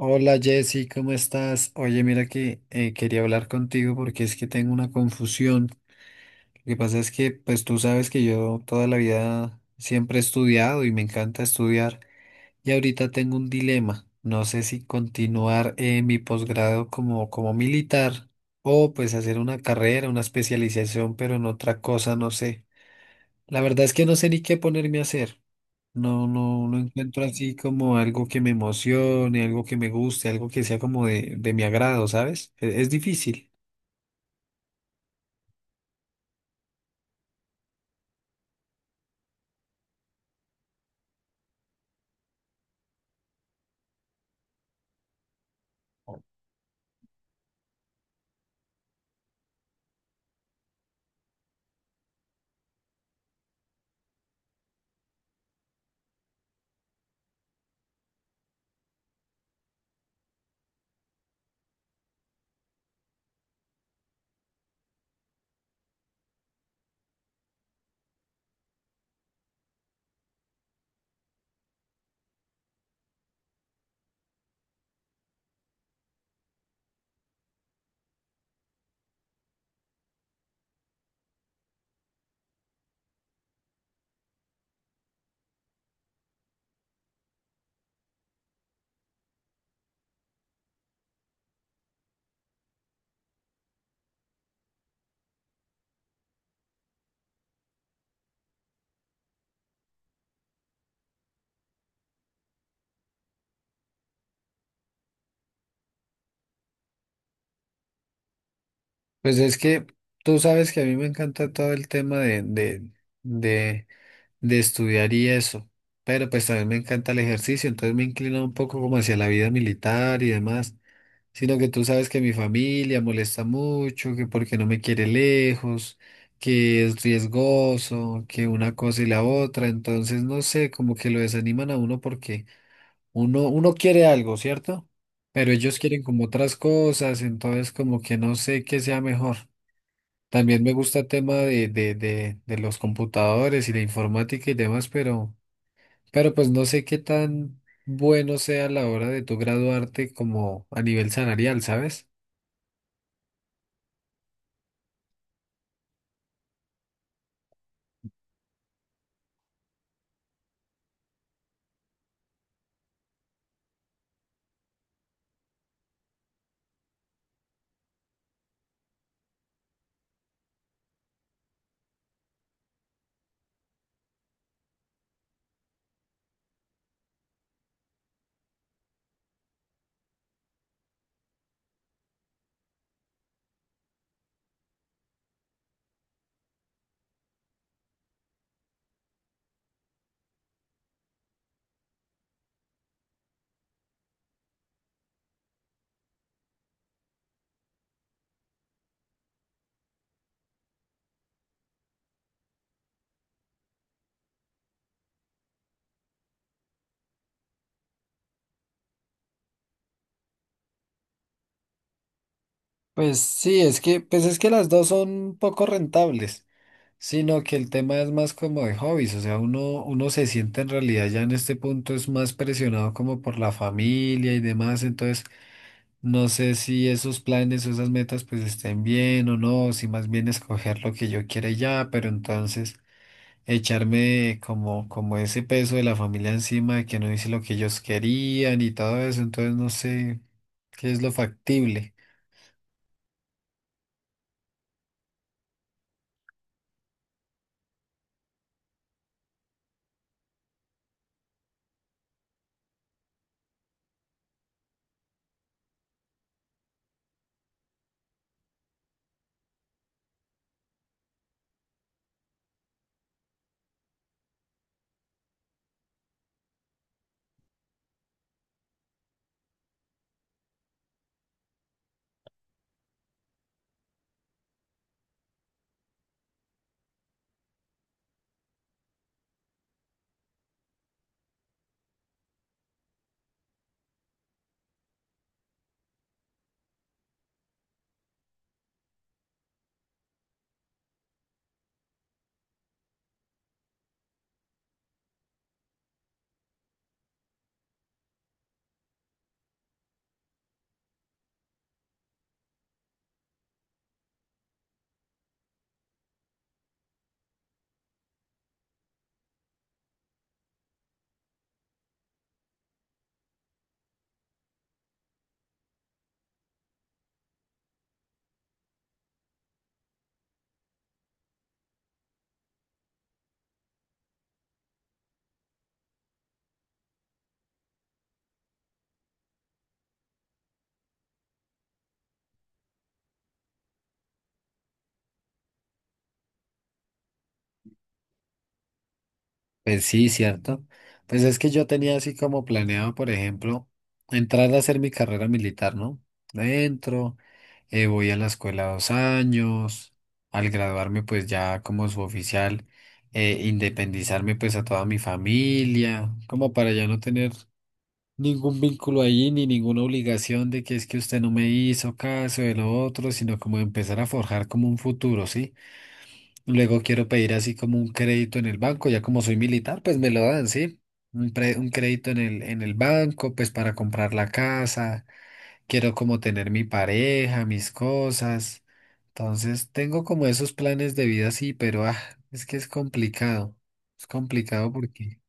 Hola Jessy, ¿cómo estás? Oye, mira que quería hablar contigo porque es que tengo una confusión. Lo que pasa es que, pues tú sabes que yo toda la vida siempre he estudiado y me encanta estudiar y ahorita tengo un dilema. No sé si continuar mi posgrado como militar o pues hacer una carrera, una especialización, pero en otra cosa, no sé. La verdad es que no sé ni qué ponerme a hacer. No, no, no encuentro así como algo que me emocione, algo que me guste, algo que sea como de mi agrado, ¿sabes? Es difícil. Pues es que tú sabes que a mí me encanta todo el tema de, de estudiar y eso, pero pues también me encanta el ejercicio, entonces me inclino un poco como hacia la vida militar y demás. Sino que tú sabes que mi familia molesta mucho, que porque no me quiere lejos, que es riesgoso, que una cosa y la otra, entonces no sé, como que lo desaniman a uno porque uno quiere algo, ¿cierto? Pero ellos quieren como otras cosas, entonces como que no sé qué sea mejor. También me gusta el tema de los computadores y la informática y demás, pero pues no sé qué tan bueno sea a la hora de tu graduarte como a nivel salarial, ¿sabes? Pues sí, es que, pues es que las dos son poco rentables, sino que el tema es más como de hobbies, o sea, uno se siente en realidad ya en este punto es más presionado como por la familia y demás, entonces no sé si esos planes o esas metas pues estén bien o no, si más bien escoger lo que yo quiera y ya, pero entonces echarme como ese peso de la familia encima de que no hice lo que ellos querían y todo eso, entonces no sé qué es lo factible. Pues sí, cierto. Pues es que yo tenía así como planeado, por ejemplo, entrar a hacer mi carrera militar, ¿no? Dentro, voy a la escuela 2 años, al graduarme pues ya como suboficial, independizarme pues a toda mi familia, como para ya no tener ningún vínculo allí ni ninguna obligación de que es que usted no me hizo caso de lo otro, sino como empezar a forjar como un futuro, ¿sí? Luego quiero pedir así como un crédito en el banco, ya como soy militar, pues me lo dan, ¿sí? Un crédito en el banco, pues para comprar la casa, quiero como tener mi pareja, mis cosas. Entonces, tengo como esos planes de vida, sí, pero ah, es que es complicado. Es complicado porque...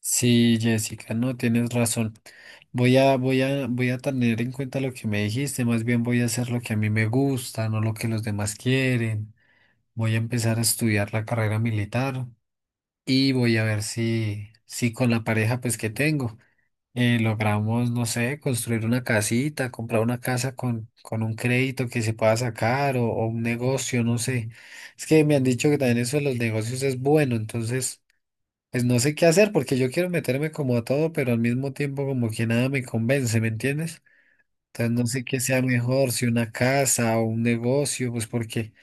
Sí, Jessica, no, tienes razón. Voy a tener en cuenta lo que me dijiste, más bien voy a hacer lo que a mí me gusta, no lo que los demás quieren. Voy a empezar a estudiar la carrera militar y voy a ver si, si con la pareja pues que tengo logramos, no sé, construir una casita, comprar una casa con un crédito que se pueda sacar o un negocio, no sé. Es que me han dicho que también eso de los negocios es bueno, entonces pues no sé qué hacer porque yo quiero meterme como a todo, pero al mismo tiempo como que nada me convence, ¿me entiendes? Entonces no sé qué sea mejor, si una casa o un negocio, pues porque...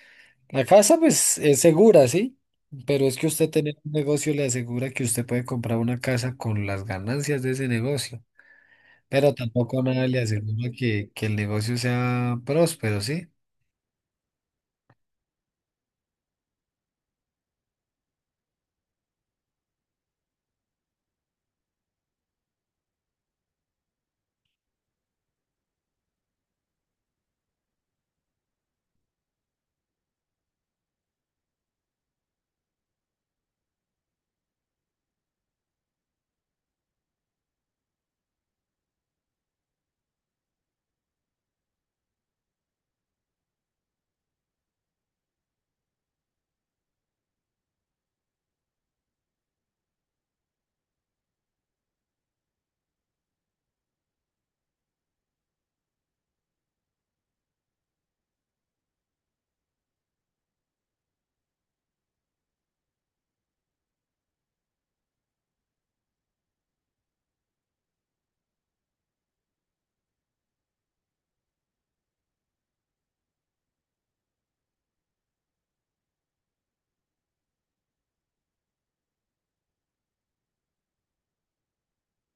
La casa, pues, es segura, ¿sí? Pero es que usted tener un negocio le asegura que usted puede comprar una casa con las ganancias de ese negocio. Pero tampoco nada le asegura que el negocio sea próspero, ¿sí?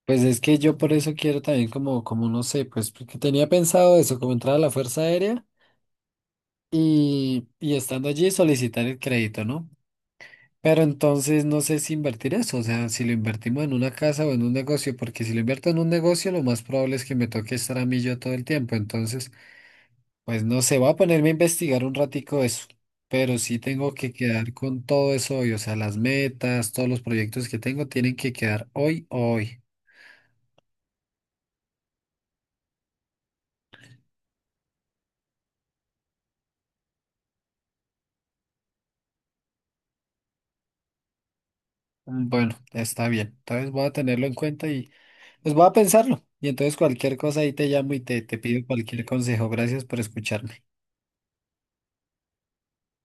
Pues es que yo por eso quiero también como no sé, pues porque tenía pensado eso, como entrar a la Fuerza Aérea y estando allí solicitar el crédito, ¿no? Pero entonces no sé si invertir eso, o sea, si lo invertimos en una casa o en un negocio, porque si lo invierto en un negocio, lo más probable es que me toque estar a mí yo todo el tiempo. Entonces, pues no sé, voy a ponerme a investigar un ratico eso, pero sí tengo que quedar con todo eso hoy, o sea, las metas, todos los proyectos que tengo tienen que quedar hoy o hoy. Mm, bueno, está bien. Entonces voy a tenerlo en cuenta y pues voy a pensarlo. Y entonces cualquier cosa ahí te llamo y te pido cualquier consejo. Gracias por escucharme.